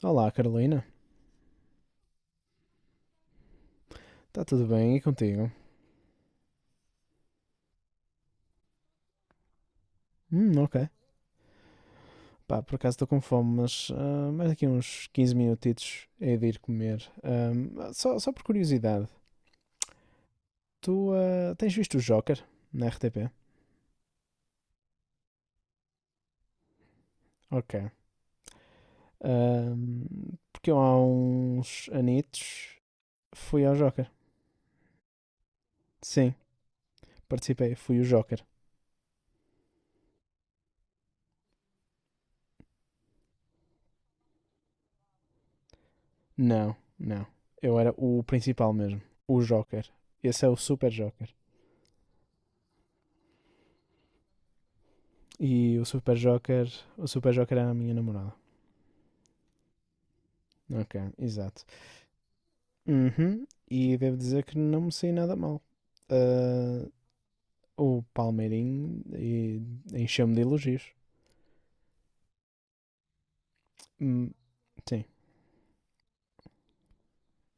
Olá, Carolina. Está tudo bem? E contigo? Ok. Pá, por acaso estou com fome, mas mais daqui a uns 15 minutitos hei de ir comer. Só por curiosidade, tu tens visto o Joker na RTP? Ok. Porque eu há uns anitos fui ao Joker. Sim, participei, fui o Joker. Não, não. Eu era o principal mesmo. O Joker. Esse é o Super Joker. E o Super Joker era a minha namorada. Ok, exato. Uhum. E devo dizer que não me saí nada mal. Ah, o Palmeirinho encheu-me de elogios. Hum, sim.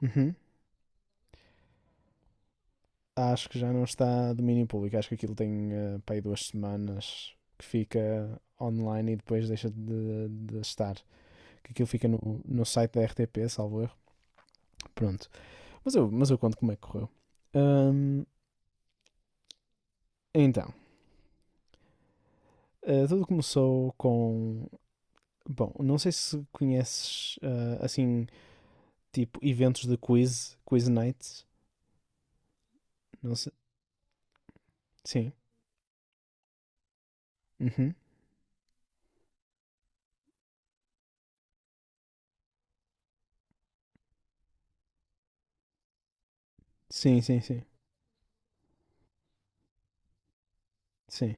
Uhum. Acho que já não está a domínio público. Acho que aquilo tem para aí 2 semanas que fica online e depois deixa de estar. Que aquilo fica no site da RTP, salvo erro. Pronto. Mas eu conto como é que correu. Hum, então, tudo começou com. Bom, não sei se conheces assim tipo eventos de quiz nights. Não sei. Sim. Uhum. Sim, sim, sim. Sim.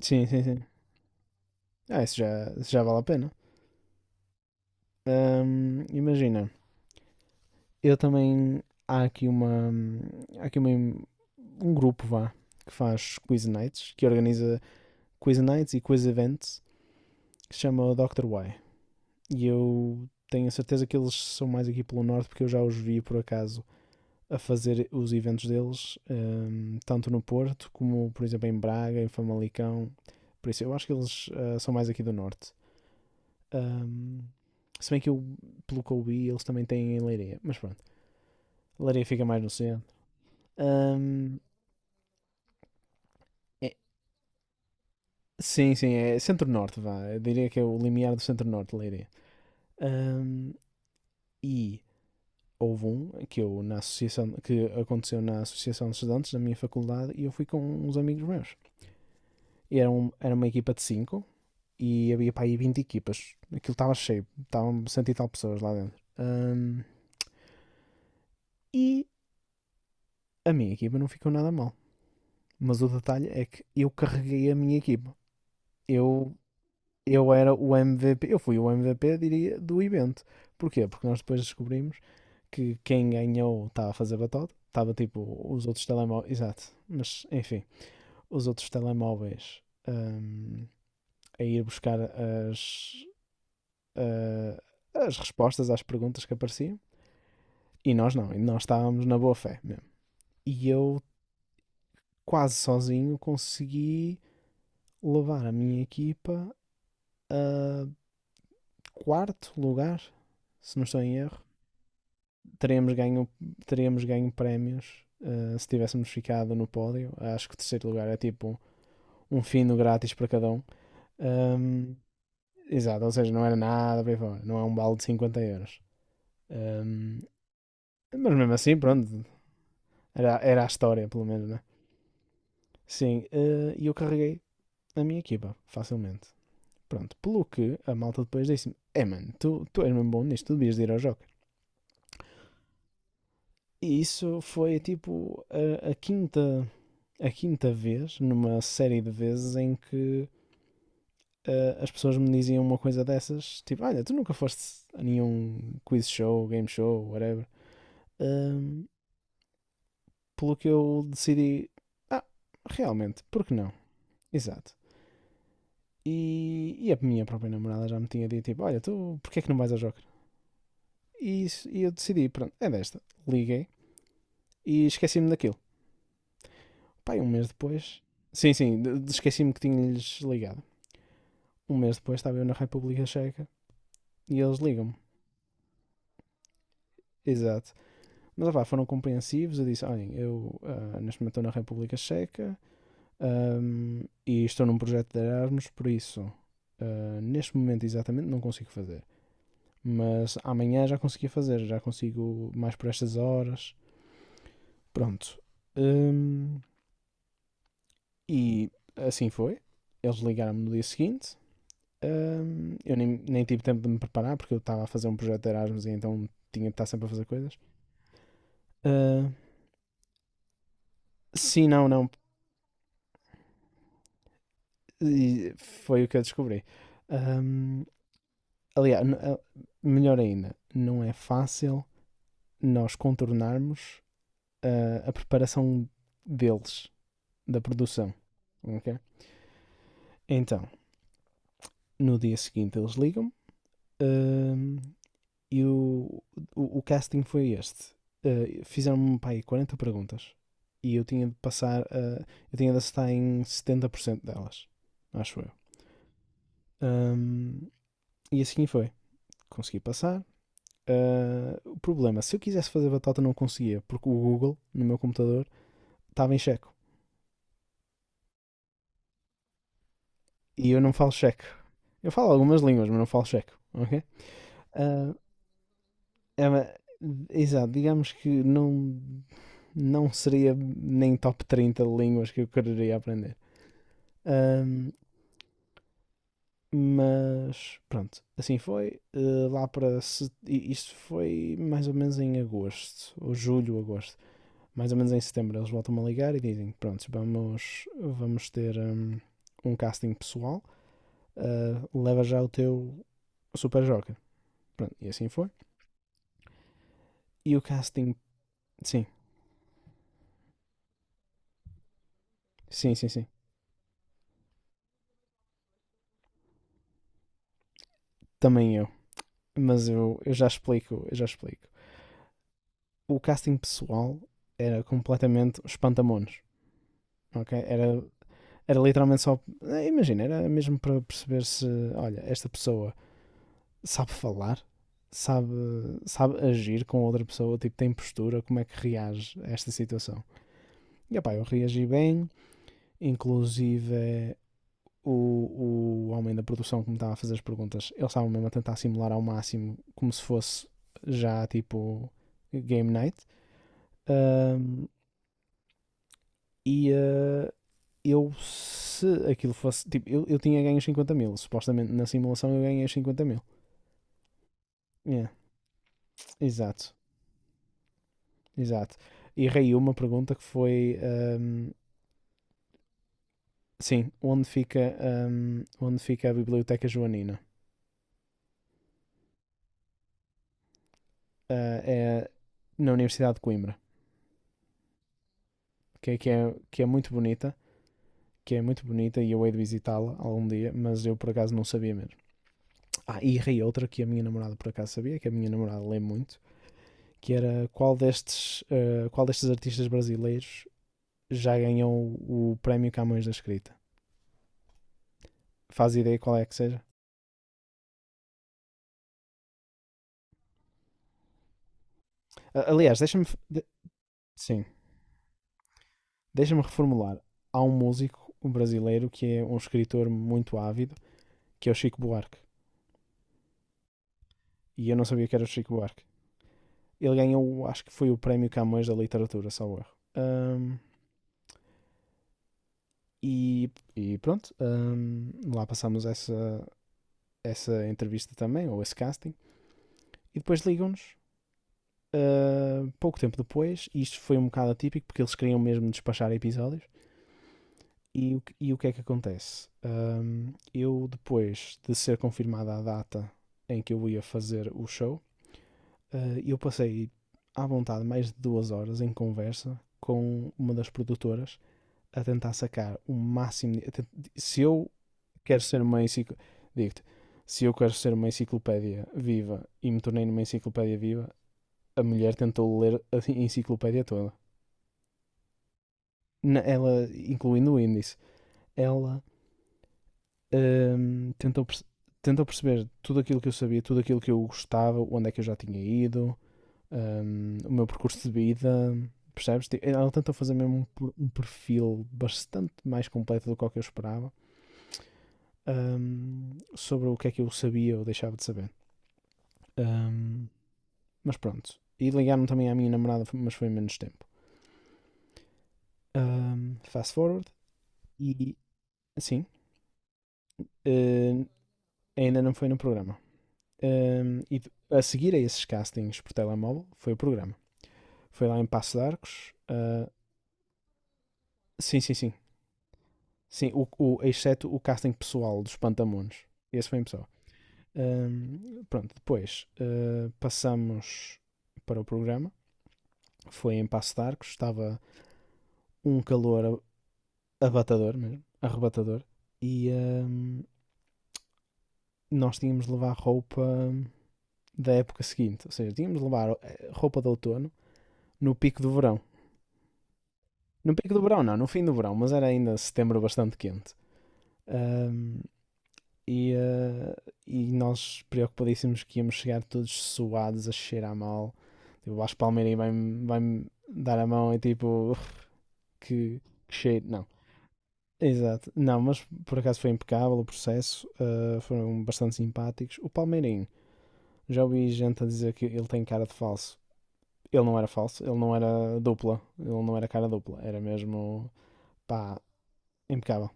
Sim, sim, sim. Isso já vale a pena. Imagina, eu também há aqui um grupo vá que faz quiz nights, que organiza quiz nights e quiz events, que se chama o Dr. Y. E eu tenho a certeza que eles são mais aqui pelo norte porque eu já os vi por acaso a fazer os eventos deles, tanto no Porto como, por exemplo, em Braga, em Famalicão. Por isso, eu acho que eles são mais aqui do Norte. Hum, se bem que eu, pelo que eu vi, eles também têm em Leiria. Mas pronto, Leiria fica mais no centro. Hum, é- sim, sim, é centro-norte, vá. Eu diria que é o limiar do centro-norte, Leiria. Hum, e houve um que eu, na associação, que aconteceu na Associação de Estudantes da minha faculdade e eu fui com uns amigos meus. E era uma equipa de cinco e havia para aí 20 equipas. Aquilo estava cheio, estavam cento e tal pessoas lá dentro. E a minha equipa não ficou nada mal. Mas o detalhe é que eu carreguei a minha equipa. Eu, eu era o MVP, eu fui o MVP, diria, do evento. Porquê? Porque nós depois descobrimos que quem ganhou estava a fazer batota, estava tipo os outros telemóveis, exato, mas enfim, os outros telemóveis hum, a ir buscar ah, as respostas às perguntas que apareciam. E nós não, e nós estávamos na boa fé mesmo. E eu, quase sozinho, consegui levar a minha equipa a quarto lugar, se não estou em erro. Teríamos ganho, teríamos ganho prémios se tivéssemos ficado no pódio. Acho que o terceiro lugar é tipo um fino grátis para cada um. Um, exato, ou seja, não era nada para aí fora, não é um balde de 50 euros. Um, mas mesmo assim, pronto, era a história, pelo menos, né? Sim, e eu carreguei a minha equipa, facilmente. Pronto, pelo que a malta depois disse-me: É mano, tu és mesmo bom nisto, tu devias de ir ao Joker. E isso foi tipo a quinta vez, numa série de vezes, em que as pessoas me diziam uma coisa dessas: Tipo, olha, tu nunca foste a nenhum quiz show, game show, whatever. Ahm, pelo que eu decidi: Ah, realmente, por que não? Exato. E a minha própria namorada já me tinha dito: Tipo, olha, tu, porquê é que não vais ao Joker? E eu decidi: Pronto, é desta. Liguei e esqueci-me daquilo. Pá, um mês depois. Sim, sim, esqueci-me que tinha-lhes ligado. Um mês depois estava eu na República Checa e eles ligam-me. Exato. Mas opá, foram compreensivos. Eu disse: olhem, eu neste momento estou na República Checa e estou num projeto de Erasmus, por isso neste momento exatamente não consigo fazer. Mas amanhã já conseguia fazer, já consigo mais por estas horas. Pronto. Ahm, e assim foi. Eles ligaram-me no dia seguinte. Eu nem tive tempo de me preparar porque eu estava a fazer um projeto de Erasmus e então tinha de estar sempre a fazer coisas. Ah, sim, não, não. E foi o que eu descobri. Ahm, Aliás, melhor ainda, não é fácil nós contornarmos a preparação deles, da produção. Ok? Então, no dia seguinte eles ligam-me. ahm, E o casting foi este. Fizeram-me pá, aí 40 perguntas e eu tinha de passar, eu tinha de acertar em 70% delas, acho eu. Um, e assim foi. Consegui passar. O problema, se eu quisesse fazer batota, não conseguia, porque o Google, no meu computador, estava em checo. E eu não falo checo. Eu falo algumas línguas, mas não falo checo, ok? Uh, É, exato, digamos que não, não seria nem top 30 de línguas que eu quereria aprender. Ahm, mas pronto, assim foi. Eh, lá para. Se- i- Isto foi mais ou menos em agosto, ou julho, agosto. Mais ou menos em setembro eles voltam-me a ligar e dizem: Pronto, vamos ter um casting pessoal, leva já o teu Super Joker. Pronto, e assim foi. E o casting. Sim, sim, sim, sim. Também eu. Mas eu já explico, eu já explico. O casting pessoal era completamente espantamonos, ok? Era literalmente só, imagina, era mesmo para perceber se, olha, esta pessoa sabe falar, sabe, sabe agir com outra pessoa, tipo, tem postura, como é que reage a esta situação. E opá, eu reagi bem, inclusive o homem da produção que me estava a fazer as perguntas, ele estava mesmo a tentar simular ao máximo como se fosse já tipo game night. Ahm, e eu, se aquilo fosse. Tipo, eu tinha ganho 50.000. Supostamente na simulação eu ganhei 50.000. Yeah, exato, exato. Errei uma pergunta que foi: sim, onde fica a Biblioteca Joanina? Ah, é na Universidade de Coimbra, que é muito bonita. Que é muito bonita e eu hei de visitá-la algum dia, mas eu por acaso não sabia mesmo. Ah, e errei outra que a minha namorada por acaso sabia, que a minha namorada lê muito, que era qual destes artistas brasileiros já ganhou o prémio Camões da Escrita. Faz ideia qual é que seja? Aliás, de- sim, deixa-me reformular. Há um músico brasileiro que é um escritor muito ávido, que é o Chico Buarque. E eu não sabia que era o Chico Buarque. Ele ganhou, acho que foi o prémio Camões da Literatura, salvo erro. E, e pronto, lá passamos essa entrevista também, ou esse casting. E depois ligam-nos pouco tempo depois, e isto foi um bocado atípico porque eles queriam mesmo despachar episódios. E o que é que acontece? Eu, depois de ser confirmada a data em que eu ia fazer o show, eu passei à vontade mais de 2 horas em conversa com uma das produtoras a tentar sacar o máximo. Se eu quero ser uma enciclopédia. Digo-te, se eu quero ser uma enciclopédia viva e me tornei numa enciclopédia viva, a mulher tentou ler a enciclopédia toda. Ela, incluindo o índice, ela hum, tentou, tentou perceber tudo aquilo que eu sabia, tudo aquilo que eu gostava, onde é que eu já tinha ido, o meu percurso de vida, percebes? Tipo, ela tentou fazer mesmo um perfil bastante mais completo do que o que eu esperava, hum, sobre o que é que eu sabia ou deixava de saber. Hum, mas pronto. E ligaram também à minha namorada, mas foi em menos tempo. Fast forward. E, assim, eh, ainda não foi no programa. E a seguir a esses castings por telemóvel foi o programa. Foi lá em Passo de Arcos. Sim, sim, sim. Sim, exceto o casting pessoal dos Pantamones. Esse foi em pessoal. Pronto, depois passamos para o programa. Foi em Passo de Arcos. Estava um calor abatador mesmo, arrebatador. E nós tínhamos de levar roupa da época seguinte. Ou seja, tínhamos de levar roupa de outono no pico do verão. No pico do verão, não, no fim do verão, mas era ainda setembro bastante quente. Ahm, e, ah, e nós preocupadíssimos que íamos chegar todos suados, a cheirar mal. Tipo, o Vasco Palmeirim vai-me dar a mão e tipo, que, que cheiro. Não. Exato. Não, mas por acaso foi impecável o processo. Foram bastante simpáticos. O Palmeirim, já ouvi gente a dizer que ele tem cara de falso. Ele não era falso, ele não era dupla. Ele não era cara dupla. Era mesmo, pá, impecável.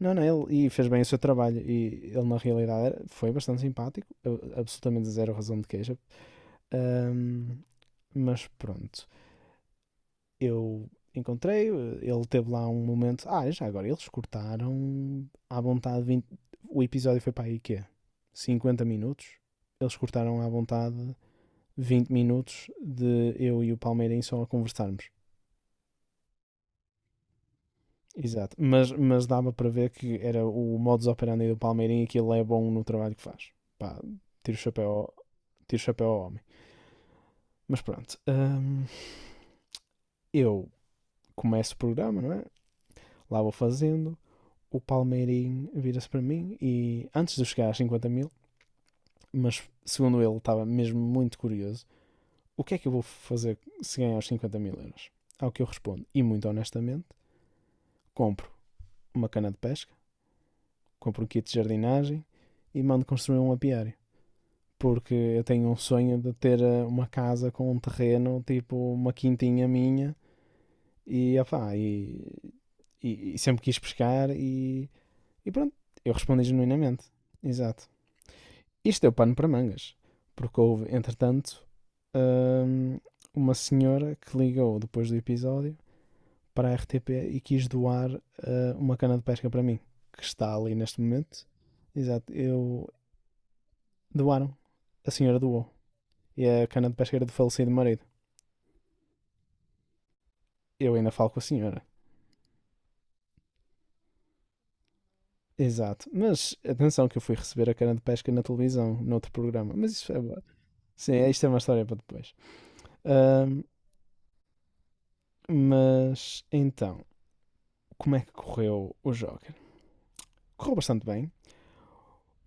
Não, não, ele e fez bem o seu trabalho. E ele, na realidade, foi bastante simpático, absolutamente zero razão de queixa. Ahm, mas pronto, eu encontrei, ele teve lá um momento. Ah, já agora, eles cortaram à vontade vinte. O episódio foi para aí quê? 50 minutos. Eles cortaram à vontade 20 minutos de eu e o Palmeirense só a conversarmos. Exato, mas dava para ver que era o modus operandi do Palmeirinho e que ele é bom no trabalho que faz. Pá, tiro o chapéu, ao- tiro o chapéu ao homem. Mas pronto, eu começo o programa, não é? Lá vou fazendo, o Palmeirinho vira-se para mim e antes de eu chegar às 50 mil, mas segundo ele estava mesmo muito curioso, o que é que eu vou fazer se ganhar os 50 mil euros? Ao que eu respondo, e muito honestamente, compro uma cana de pesca, compro um kit de jardinagem e mando construir um apiário. Porque eu tenho um sonho de ter uma casa com um terreno, tipo uma quintinha minha, e, opá, e, e sempre quis pescar e pronto, eu respondi genuinamente. Exato. Isto deu pano para mangas, porque houve, entretanto, hum, uma senhora que ligou depois do episódio para a RTP e quis doar uma cana de pesca para mim, que está ali neste momento. Exato, eu doaram. A senhora doou. E a cana de pesca era do falecido marido. Eu ainda falo com a senhora. Exato. Mas atenção que eu fui receber a cana de pesca na televisão, noutro programa. Mas isso é boa. Sim, isto é uma história para depois. Ahm, mas então, como é que correu o Joker? Correu bastante bem.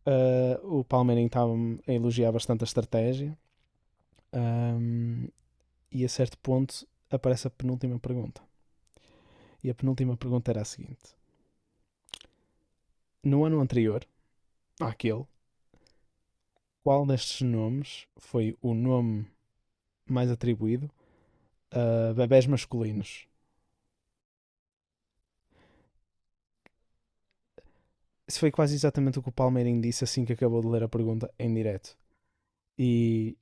Ah, o Palmeirinho estava a elogiar bastante a estratégia. Ahm, e a certo ponto aparece a penúltima pergunta. E a penúltima pergunta era a seguinte: no ano anterior, àquele, qual destes nomes foi o nome mais atribuído bebés masculinos. Isso foi quase exatamente o que o Palmeirinho disse assim que acabou de ler a pergunta em direto. E,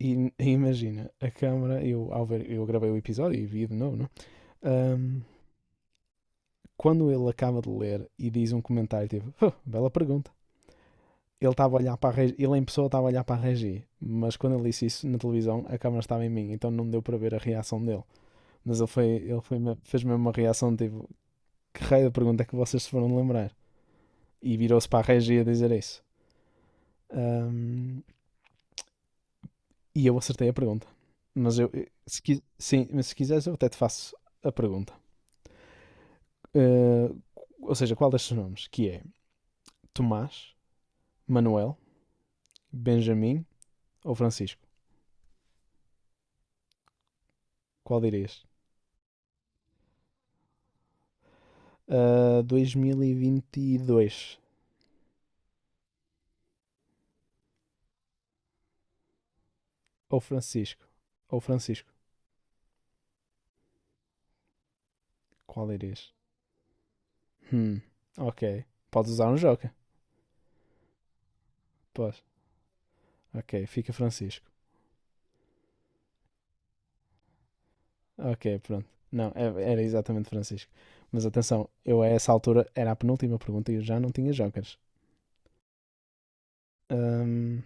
e imagina, a câmara, eu, ao ver, eu gravei o episódio e vi de novo, não? Um, quando ele acaba de ler e diz um comentário tipo, oh, bela pergunta. Ele estava a olhar para a Regi, ele em pessoa estava a olhar para a Regi, mas quando ele disse isso na televisão, a câmera estava em mim, então não deu para ver a reação dele. Mas ele foi, fez mesmo uma reação tipo, que raio da pergunta é que vocês se foram lembrar? E virou-se para a Regi a dizer isso. Ahm, e eu acertei a pergunta. Mas eu, se, qui- sim, mas se quiseres, eu até te faço a pergunta. Eh, ou seja, qual destes nomes? Que é Tomás, Manuel, Benjamin ou Francisco? Qual dirias? 2022. Ou Francisco. Ou Francisco. Qual dirias? Hum, ok. Podes usar um joker. Podes. Ok, fica Francisco. Ok, pronto. Não, é- era exatamente Francisco. Mas atenção, eu a essa altura era a penúltima pergunta e eu já não tinha jokers. Ahm,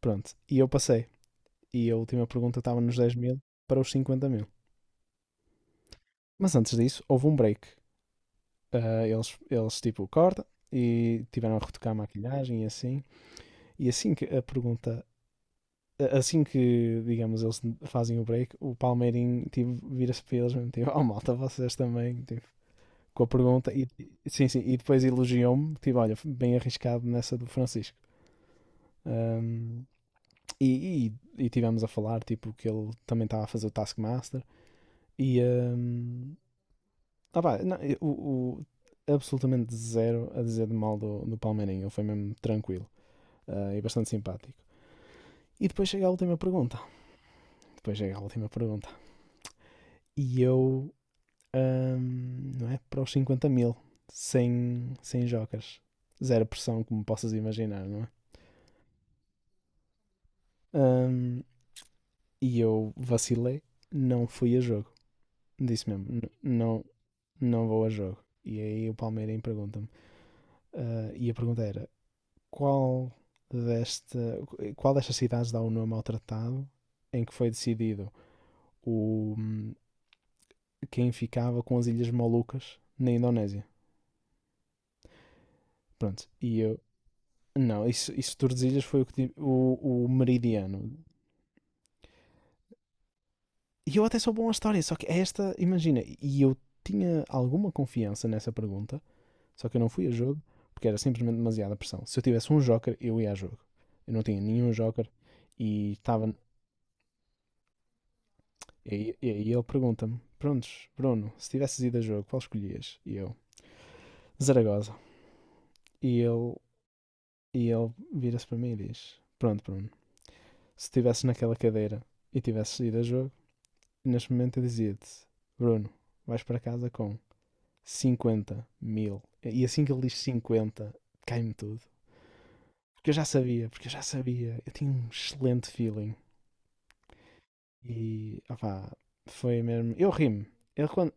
pronto, e eu passei. E a última pergunta estava nos 10.000 para os 50.000. Mas antes disso, houve um break. Ah, tipo, corta e tiveram a retocar a maquilhagem e assim. E assim que a pergunta. Assim que, digamos, eles fazem o break, o Palmeirinho tipo, vira-se para eles mesmo, tipo, oh malta, vocês também, tipo, com a pergunta. E, sim, sim, e depois elogiou-me, tipo, olha, bem arriscado nessa do Francisco. Ahm, e, e tivemos a falar, tipo, que ele também estava a fazer o Taskmaster. E ah, pá, não, absolutamente zero a dizer de mal do, do Palmeirinho. Ele foi mesmo tranquilo, ah, e bastante simpático. E depois chega a última pergunta. Depois chega a última pergunta. E eu, não é? Para os 50 mil, sem, sem jocas. Zero pressão, como possas imaginar, não é? Hum, e eu vacilei, não fui a jogo. Disse mesmo, não, não vou a jogo. E aí o Palmeirinho pergunta-me. Ah, e a pergunta era: qual desta, qual destas cidades dá o nome ao tratado em que foi decidido o, quem ficava com as Ilhas Molucas na Indonésia? Pronto, e eu. Não, isso Tordesilhas foi o, que, o meridiano. E eu até sou bom à história, só que é esta, imagina, e eu tinha alguma confiança nessa pergunta, só que eu não fui a jogo porque era simplesmente demasiada pressão. Se eu tivesse um joker, eu ia a jogo. Eu não tinha nenhum joker e estava. E aí ele pergunta-me: prontos, Bruno, se tivesses ido a jogo, qual escolhias? E eu: Zaragoza. E ele, e ele vira-se para mim e diz: pronto, Bruno, se estivesses naquela cadeira e tivesses ido a jogo, neste momento eu dizia-te: Bruno, vais para casa com 50.000. E assim que ele diz 50 cai-me tudo. Porque eu já sabia, porque eu já sabia. Eu tinha um excelente feeling. E, opá, foi mesmo. Eu ri-me. Ele quando,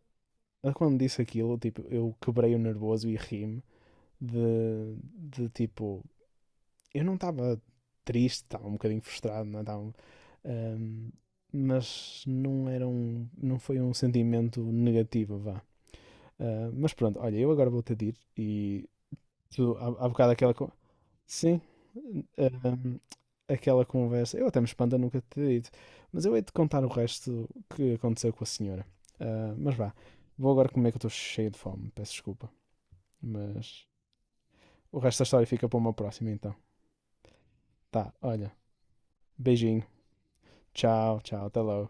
ele quando disse aquilo, tipo, eu quebrei o nervoso e ri-me. de, de tipo, eu não estava triste, estava um bocadinho frustrado, não estava, ahm, mas não era um, não foi um sentimento negativo, vá. Ah, mas pronto, olha, eu agora vou-te de ir e tu, há, há bocado aquela, sim, ahm, aquela conversa, eu até me espanta nunca te ter dito, mas eu hei de contar o resto que aconteceu com a senhora. Ah, mas vá, vou agora comer que eu estou cheio de fome, peço desculpa, mas o resto da história fica para uma próxima então. Tá, olha, beijinho. Tchau, tchau. Até logo.